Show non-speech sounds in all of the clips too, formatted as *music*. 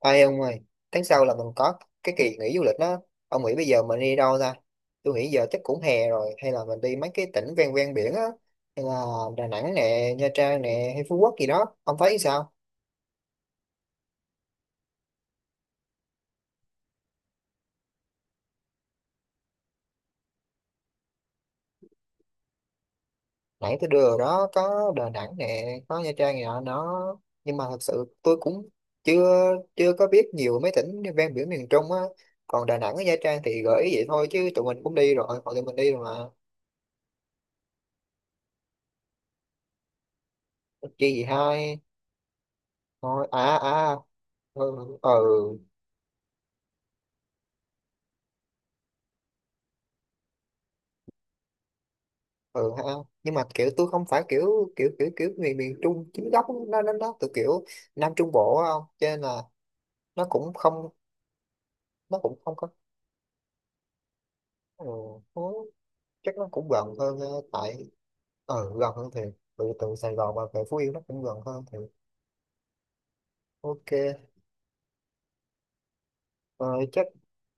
Ai ông ơi, tháng sau là mình có cái kỳ nghỉ du lịch đó. Ông nghĩ bây giờ mình đi đâu ta? Tôi nghĩ giờ chắc cũng hè rồi, hay là mình đi mấy cái tỉnh ven ven biển á, hay là Đà Nẵng nè, Nha Trang nè, hay Phú Quốc gì đó. Ông thấy sao? Nãy tôi đưa rồi đó, có Đà Nẵng nè, có Nha Trang gì đó, đó. Nhưng mà thật sự tôi cũng chưa chưa có biết nhiều mấy tỉnh ven biển miền Trung á. Còn Đà Nẵng với Nha Trang thì gợi ý vậy thôi chứ tụi mình cũng đi rồi, họ tụi mình đi rồi mà. Chi gì hai. Thôi à à. Ừ, ừ. Ừ ha, nhưng mà kiểu tôi không phải kiểu kiểu kiểu kiểu miền miền Trung chính gốc, nó từ kiểu Nam Trung Bộ á không, cho nên là nó cũng không, nó cũng không có. Ừ, nó- chắc nó cũng gần hơn, tại gần hơn thì từ từ Sài Gòn và về Phú Yên nó cũng gần hơn thì ok. Rồi chắc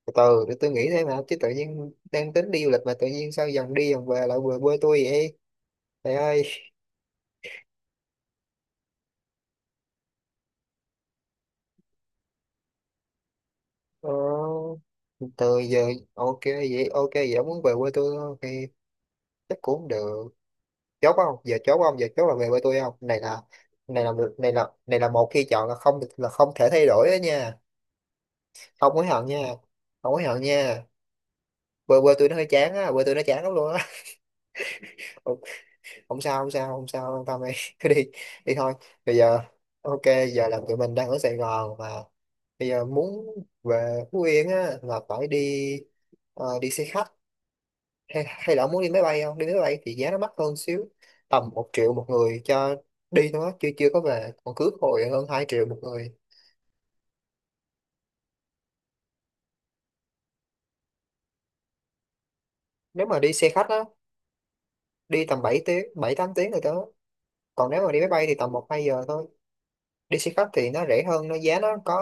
từ từ để tôi nghĩ thêm, mà chứ tự nhiên đang tính đi du lịch mà tự nhiên sao dần đi dần về lại về quê tôi vậy trời ơi. Ờ, từ giờ ok vậy, ok vậy ông muốn về quê tôi không? Thì chắc cũng được. Chốt không giờ, chốt không giờ, chốt là về với tôi không này là. Này là này là, này là một khi chọn là không, là không thể thay đổi đó nha. Không hối hận nha, không hối hận nha. Quê quê tôi nó hơi chán á, quê tôi nó chán lắm luôn á. *laughs* Không, không sao không sao không sao, không tâm đi. *laughs* Cứ đi, đi thôi. Bây giờ ok, giờ là tụi mình đang ở Sài Gòn mà bây giờ muốn về Phú Yên á là phải đi, đi xe khách. Hay là ông muốn đi máy bay không? Đi máy bay thì giá nó mắc hơn xíu. Tầm 1 triệu một người cho đi thôi á, chưa chưa có về. Còn cước hồi hơn 2 triệu một người. Nếu mà đi xe khách á, đi tầm 7 tiếng, 7 8 tiếng rồi đó. Còn nếu mà đi máy bay thì tầm một 2 giờ thôi. Đi xe khách thì nó rẻ hơn, nó giá nó có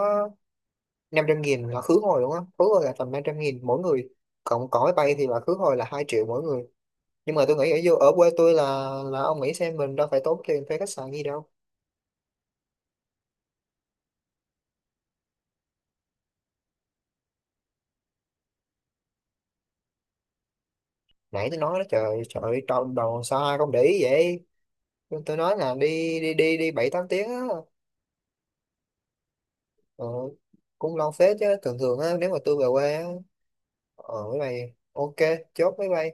500 nghìn là khứ hồi luôn á. Khứ hồi là tầm 500 nghìn mỗi người. Còn còn máy bay thì là khứ hồi là 2 triệu mỗi người. Nhưng mà tôi nghĩ ở vô ở quê tôi là ông nghĩ xem mình đâu phải tốn tiền thuê khách sạn gì đâu. Nãy tôi nói đó, trời trời ơi, đầu đầu sao ai không để ý vậy? Nhưng tôi nói là đi đi đi đi bảy tám tiếng á. Ờ, cũng lâu phết chứ, thường thường á nếu mà tôi về quê á, ở máy bay ok, chốt máy bay.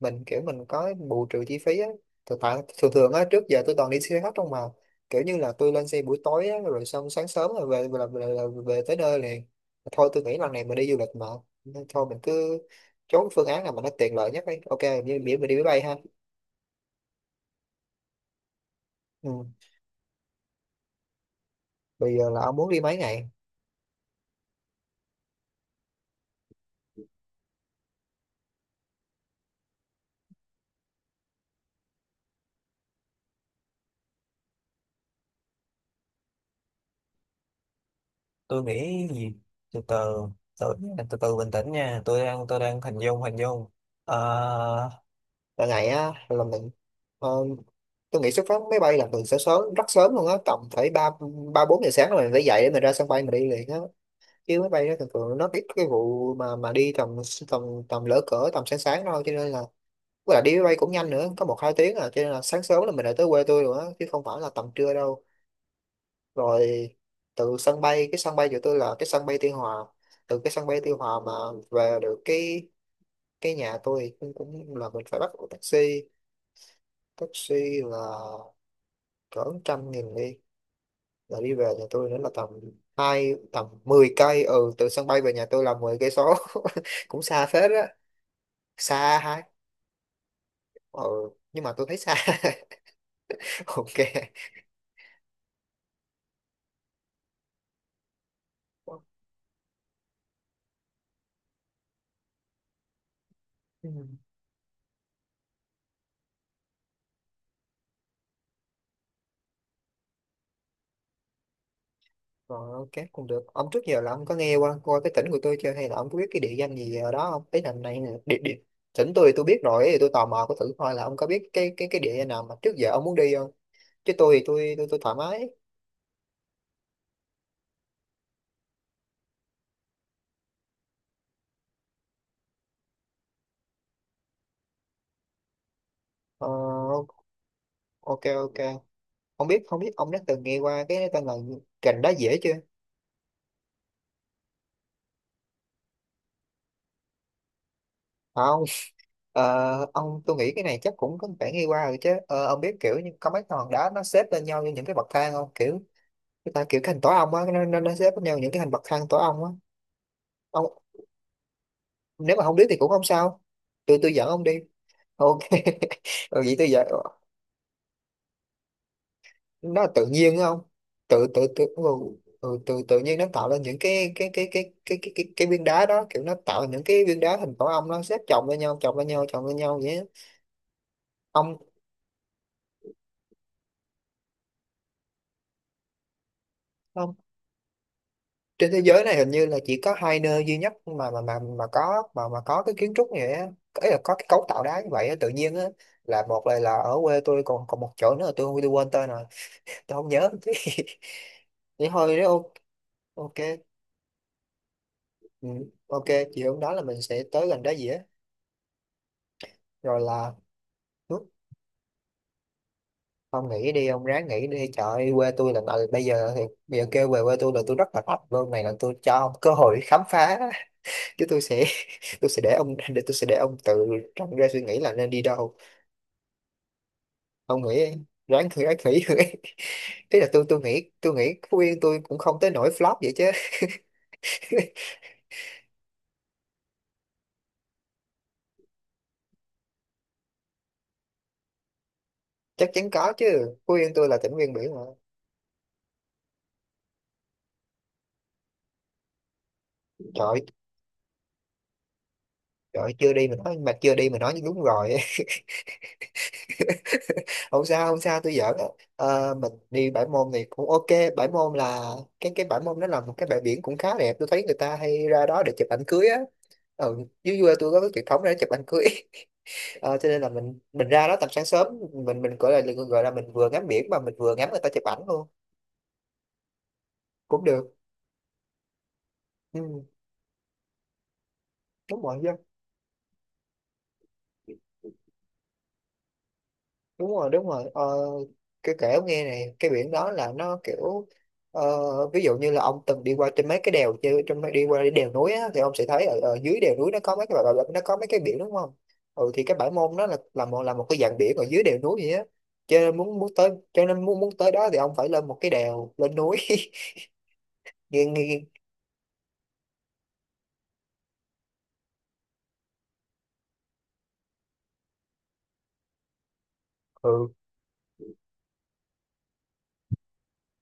Mình kiểu mình có bù trừ chi phí á, thực tại thường thường á trước giờ tôi toàn đi xe khách không mà, kiểu như là tôi lên xe buổi tối á rồi xong sáng sớm là về tới nơi liền. Thôi tôi nghĩ lần này mình đi du lịch mà, nên thôi mình cứ chốt phương án nào mà nó tiện lợi nhất đi, ok như biển mình đi máy bay ha. Ừ. Bây giờ là ông muốn đi mấy ngày? Tôi nghĩ gì, từ từ, tôi từ từ, bình tĩnh nha, tôi đang, tôi đang hình dung, hình dung. Ờ, cả ngày á là mình, ờ, tôi nghĩ xuất phát máy bay là mình sẽ sớm, rất sớm luôn á, tầm phải ba, ba bốn giờ sáng là mình phải dậy để mình ra sân bay mình đi liền á, chứ máy bay nó thường thường nó ít cái vụ mà đi tầm, tầm tầm lỡ cỡ tầm sáng sáng thôi, cho nên là với lại đi máy bay cũng nhanh nữa, có một hai tiếng à, cho nên là sáng sớm là mình đã tới quê tôi rồi á chứ không phải là tầm trưa đâu. Rồi từ sân bay, cái sân bay của tôi là cái sân bay Tuy Hòa, từ cái sân bay Tuy Hòa mà về được cái nhà tôi cũng, cũng là mình phải bắt taxi, taxi là cỡ trăm nghìn đi, là đi về nhà tôi nữa là tầm hai, tầm 10 cây. Ừ, từ sân bay về nhà tôi là 10 cây số. *laughs* Cũng xa phết á, xa hai. Ừ, nhưng mà tôi thấy xa. *laughs* Ok. Ừ. Rồi ok cũng được. Ông trước giờ là ông có nghe qua qua cái tỉnh của tôi chưa, hay là ông có biết cái địa danh gì ở đó không? Ý là này nè, địa địa tỉnh tôi thì tôi biết rồi, thì tôi tò mò có thử coi là ông có biết cái địa danh nào mà trước giờ ông muốn đi không? Chứ tôi thì tôi thoải mái. Ờ, ok ok. Không biết, không biết ông đã từng nghe qua cái tên là gành đá dễ chưa? À, không. Ờ, ông tôi nghĩ cái này chắc cũng có phải nghe qua rồi chứ. Ờ, ông biết kiểu như có mấy cái hòn đá nó xếp lên nhau như những cái bậc thang không? Kiểu người ta kiểu cái hình tổ ong á, nó xếp lên nhau những cái hình bậc thang tổ ong á. Ông nếu mà không biết thì cũng không sao, tôi dẫn ông đi ok. *laughs* Rồi vậy tôi dẫn, nó là tự nhiên đúng không, tự tự tự ừ, ừ, tự tự nhiên nó tạo ra những cái cái viên đá đó, kiểu nó tạo ra những cái viên đá hình tổ ong, nó xếp chồng lên nhau, chồng lên nhau, chồng lên nhau vậy á. Ông không, trên thế giới này hình như là chỉ có hai nơi duy nhất mà có mà có cái kiến trúc như vậy á. Có- là có cái cấu tạo đá như vậy á, tự nhiên á, là một là ở quê tôi, còn còn một chỗ nữa là tôi quên tên rồi, tôi không nhớ. *laughs* Chứ vậy thôi nếu ok. Ok. Ừ. Ok. Chiều hôm đó là mình sẽ tới gần đó gì á, rồi là lúc, ông nghỉ đi, ông ráng nghỉ đi trời ơi, quê tôi là- bây giờ thì bây giờ kêu về quê tôi là tôi rất là thích luôn, này là tôi cho ông cơ hội khám phá. *laughs* Chứ tôi sẽ, *laughs* tôi sẽ để ông, để tôi sẽ để ông tự trong ra suy nghĩ là nên đi đâu, ông nghĩ, ráng thử ráng nghĩ. *laughs* Thế là tôi nghĩ, tôi nghĩ Phú Yên tôi cũng không tới nỗi flop vậy chứ. *laughs* Chắc chắn có chứ, Phú Yên tôi là tỉnh ven biển mà. Trời, trời chưa đi mà nói, mà chưa đi mà nói như đúng rồi. *laughs* *laughs* Không sao không sao, tôi giỡn á. Ờ, mình đi bãi môn thì cũng ok. Bãi môn là, cái bãi môn đó là một cái bãi biển cũng khá đẹp, tôi thấy người ta hay ra đó để chụp ảnh cưới á. Ừ, dưới quê tôi có cái truyền thống để chụp ảnh cưới. *laughs* Ờ, cho nên là mình ra đó tầm sáng sớm, mình gọi là, gọi là mình vừa ngắm biển mà mình vừa ngắm người ta chụp ảnh luôn, cũng được. Ừ, đúng rồi, đúng rồi, đúng rồi. Ờ, cái kể ông nghe này, cái biển đó là nó kiểu, ờ, ví dụ như là ông từng đi qua trên mấy cái đèo chứ, trong mấy đi qua cái đèo núi á, thì ông sẽ thấy ở, ở dưới đèo núi nó có mấy cái bãi bãi- nó có mấy cái biển đúng không. Ừ, thì cái bãi môn đó là, là một cái dạng biển ở dưới đèo núi vậy á. Cho nên muốn muốn tới cho nên muốn muốn tới đó thì ông phải lên một cái đèo lên núi. *laughs* Nghe nghe. Ừ.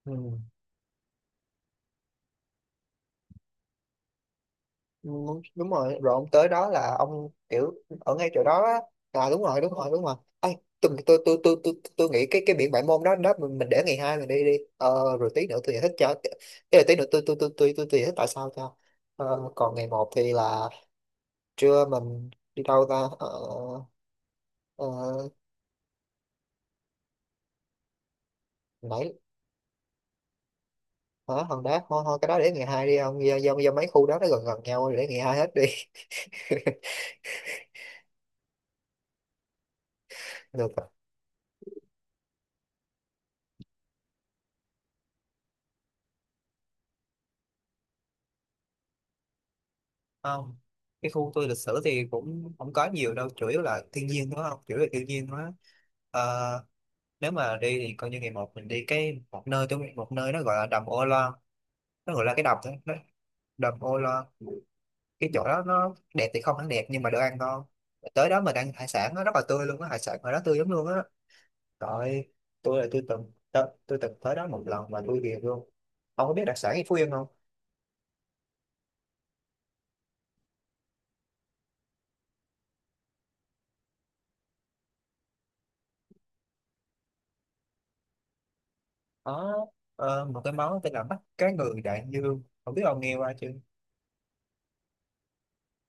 ừ đúng, đúng rồi rồi ông tới đó là ông kiểu ở ngay chỗ đó á. Đúng rồi. Ê, tôi nghĩ cái biển Bãi Môn đó đó mình để ngày hai mình đi đi ờ, Rồi tí nữa tôi giải thích cho cái là tí nữa tôi giải thích tại sao cho. ờ, Còn ngày một thì là trưa mình đi đâu ta? Ờ, ờ, Nãy hả? Hòn Đá thôi, thôi cái đó để ngày hai đi ông, do mấy khu đó nó gần gần nhau, để ngày hai hết đi. *laughs* được không? Cái khu tôi lịch sử thì cũng không có nhiều đâu, chủ yếu là thiên nhiên đúng không, chủ yếu là thiên nhiên đó. Ờ, nếu mà đi thì coi như ngày một mình đi cái một nơi, tôi biết một nơi nó gọi là đầm Ô Loan. Nó gọi là cái đầm thôi, nó đầm Ô Loan. Cái chỗ đó nó đẹp thì không hẳn đẹp nhưng mà đồ ăn ngon, tới đó mình ăn hải sản nó rất là tươi luôn á, hải sản ở đó tươi lắm luôn á. Rồi tôi là tôi từng tới đó một lần mà tôi ghiền luôn. Ông có biết đặc sản ở Phú Yên không? Có, một cái món tên là mắt cá ngừ đại dương, không biết ông nghe qua chưa.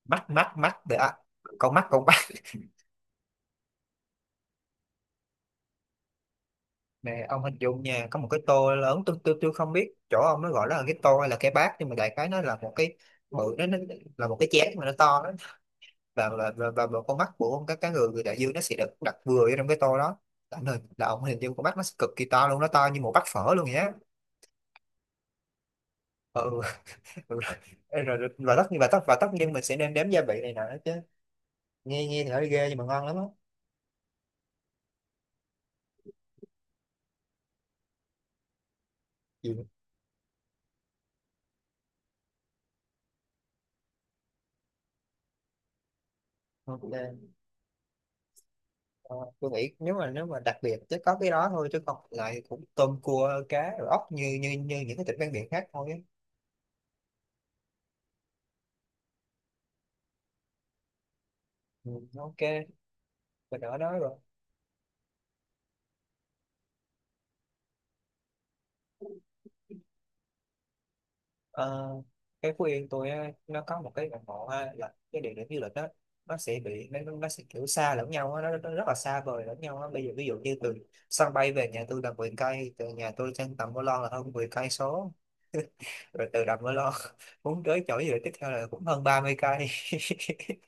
Mắt mắt mắt để, con mắt, con mắt. Nè ông hình dung nha, có một cái tô lớn, tôi không biết chỗ ông nó gọi nó là cái tô hay là cái bát, nhưng mà đại khái nó là một cái bự, nó là một cái chén mà nó to đó. Và con mắt của ông, các cái người người đại dương nó sẽ được đặt vừa vô trong cái tô đó. Là ông hình dung con mắt nó sẽ cực kỳ to luôn, nó to như một bát phở luôn vậy á. Ừ. *laughs* rồi, rồi, và tất nhiên, và tất nhiên mình sẽ nên đếm gia vị này nọ nữa chứ. Nghe nghe thì nó ghê nhưng mà ngon lắm á. Gì? Ok. Ờ, tôi nghĩ nếu mà đặc biệt chứ có cái đó thôi, chứ còn lại cũng tôm cua cá rồi ốc, như như như những cái tỉnh ven biển khác thôi á. Ừ, ok, mình đã nói rồi. Ờ, cái Phú Yên tôi á, nó có một cái ngọn ngọt ha, là cái địa điểm du lịch đó. Nó sẽ bị nó, nó sẽ kiểu xa lẫn nhau á, nó rất là xa vời lẫn nhau á. Bây giờ ví dụ như từ sân bay về nhà tôi là 10 cây, từ nhà tôi sang tầm Mơ lon là hơn 10 cây số. *laughs* rồi từ đầm Mơ lon *laughs* muốn tới chỗ gì tiếp theo là cũng hơn 30 cây. *laughs*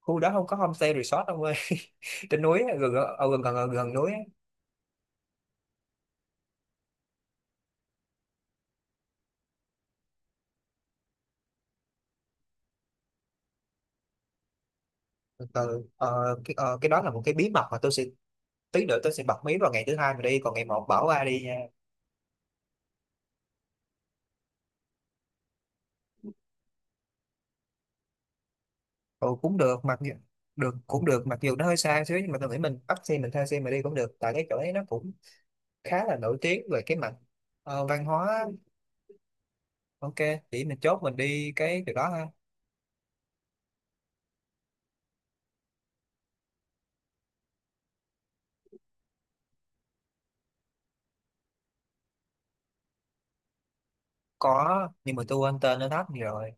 khu đó không có homestay resort đâu ơi. *laughs* trên núi á, gần ở gần gần, gần núi á. Từ, cái, cái đó là một cái bí mật mà tôi sẽ tí nữa tôi sẽ bật mí vào ngày thứ hai mà đi, còn ngày một bảo ai đi nha. Ừ, cũng được mặc dù được, cũng được mặc dù nó hơi xa xíu, nhưng mà tôi nghĩ mình bắt xe, mình thuê xe mà đi cũng được tại cái chỗ ấy nó cũng khá là nổi tiếng về cái mặt văn hóa. Ok, chỉ mình chốt mình đi cái chỗ đó ha. Có, nhưng mà tôi quên tên nó thấp rồi.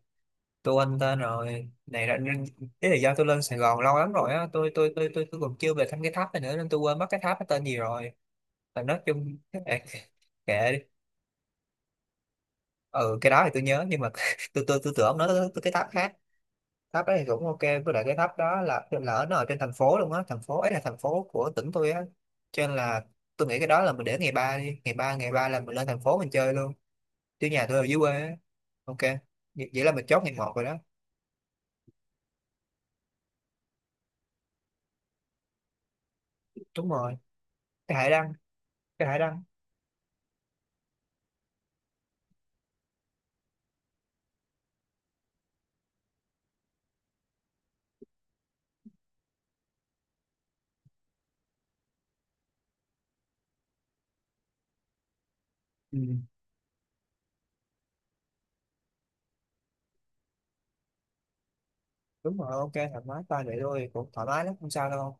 Tôi anh tên rồi này là nên- đấy là do tôi lên Sài Gòn lâu lắm rồi á, tôi còn chưa về thăm cái tháp này nữa nên tôi quên mất cái tháp nó tên gì rồi. Mà nói chung kệ, kệ đi. Ừ, cái đó thì tôi nhớ, nhưng mà *laughs* tôi tưởng nó tới tới cái tháp khác. Tháp đấy thì cũng ok, với lại cái tháp đó là lỡ nó ở trên thành phố luôn á, thành phố ấy là thành phố của tỉnh tôi á. Cho nên là tôi nghĩ cái đó là mình để ngày ba đi, ngày ba là mình lên thành phố mình chơi luôn, chứ nhà tôi ở dưới quê á. Ok, vậy vậy là mình chốt ngày một rồi đó. Đúng rồi, cái hải đăng cái hải đăng. Đúng rồi. Ok, thoải mái toàn vậy thôi, cũng thoải mái lắm không sao đâu.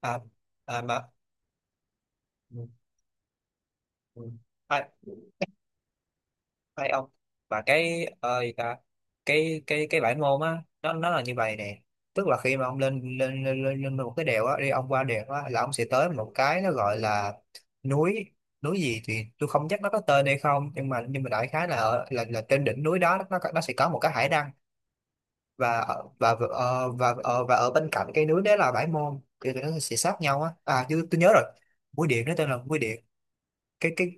À, à mà, ừ, ừ. Hai, hai ông. Và cái ơi ta, cái bảng môn á nó là như vậy nè. Tức là khi mà ông lên lên lên lên, lên một cái đèo á, đi ông qua đèo á là ông sẽ tới một cái nó gọi là núi. Núi gì thì tôi không chắc nó có tên hay không, nhưng mà đại khái là ở- là trên đỉnh núi đó nó có- nó sẽ có một cái hải đăng. Và ở- và ờ, và ờ, và ở bên cạnh cây núi đấy là Bãi Môn, thì tụi nó sẽ sát nhau á. À chứ tôi nhớ rồi, mũi điện, nó tên là mũi điện. cái cái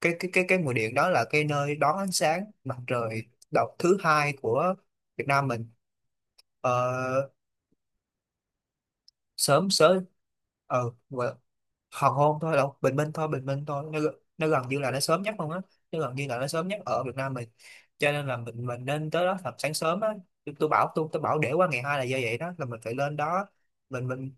cái cái cái cái mũi điện đó là cái nơi đón ánh sáng mặt trời đầu thứ hai của Việt Nam mình. ờ, sớm sớm. Ờ gọi- hoàng hôn thôi đâu, bình minh thôi, bình minh thôi, nó gần như là nó sớm nhất luôn á. Nó gần như là nó sớm nhất ở Việt Nam mình, cho nên là mình nên tới đó thật sáng sớm á. Tôi bảo để qua ngày hai là do vậy đó, là mình phải lên đó. mình mình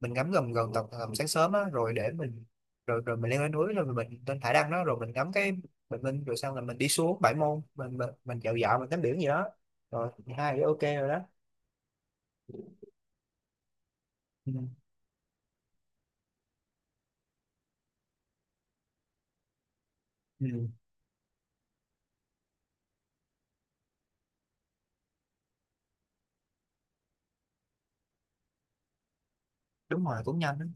mình ngắm gần gần tầm tầm sáng sớm á rồi để mình, rồi rồi mình leo lên núi rồi mình lên thải đăng đó, rồi mình ngắm cái bình minh, rồi xong là mình đi xuống Bãi Môn mình dạo dạo mình tắm biển gì đó rồi. Hai thì ok rồi đó. Ừ. Ừ. Đúng rồi cũng nhanh đó.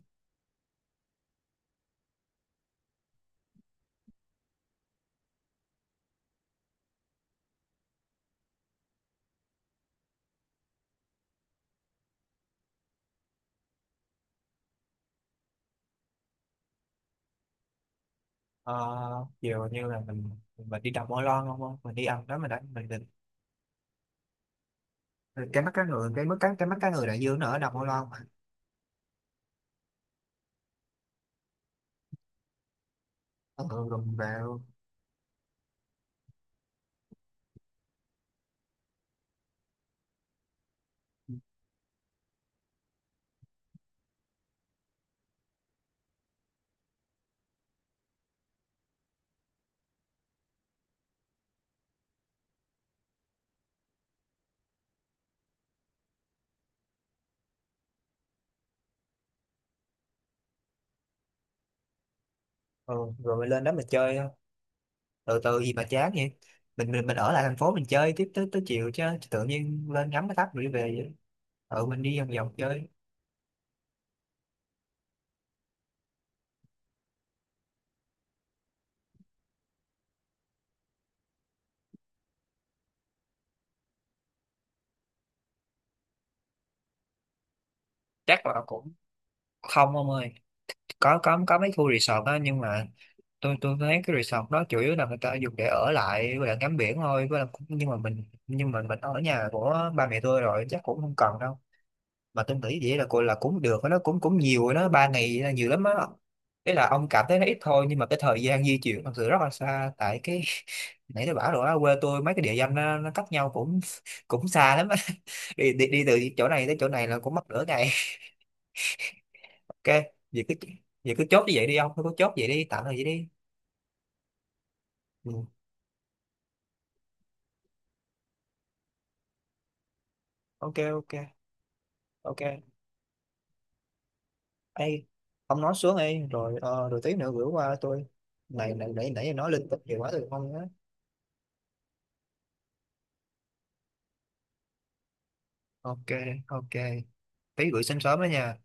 Ờ, kiểu như là mình đi đầm Ô Loan không, không mình đi ăn đó mình đã mình định. Rồi cái mắt cá ngừ, cái mức cá cái mắt cá ngừ đại dương nó ở đầm Ô Loan mà. Ừ, rồi mình vào. Ừ, rồi mình lên đó mình chơi, từ từ gì mà chán vậy. Mình ở lại thành phố mình chơi tiếp tới tới chiều, chứ chứ tự nhiên lên ngắm cái tháp rồi đi về vậy. Ừ mình đi vòng vòng chơi. Chắc là cũng không ông ơi, có mấy khu resort đó nhưng mà tôi thấy cái resort đó chủ yếu là người ta dùng để ở lại với ngắm biển thôi, với lại cũng- nhưng mà mình, nhưng mà mình ở nhà của ba mẹ tôi rồi chắc cũng không cần đâu. Mà tôi nghĩ vậy là gọi là cũng được á, nó cũng cũng nhiều rồi đó, ba ngày là nhiều lắm á. Đấy là ông cảm thấy nó ít thôi, nhưng mà cái thời gian di chuyển thật sự rất là xa tại cái *laughs* nãy tôi bảo rồi á, quê tôi mấy cái địa danh nó cách nhau cũng cũng xa lắm á. *laughs* đi, đi đi từ chỗ này tới chỗ này là cũng mất nửa ngày. Ok, vậy cứ vậy cứ chốt như vậy đi, ông cứ chốt vậy đi, tạm thời vậy đi. Ừ. Ok, ok, ok. Ê, ông nói xuống đi rồi rồi tí nữa gửi qua tôi, này này nãy nãy nói linh tinh nhiều quá rồi không á. Ok, ok. Tí gửi sớm sớm đó nha.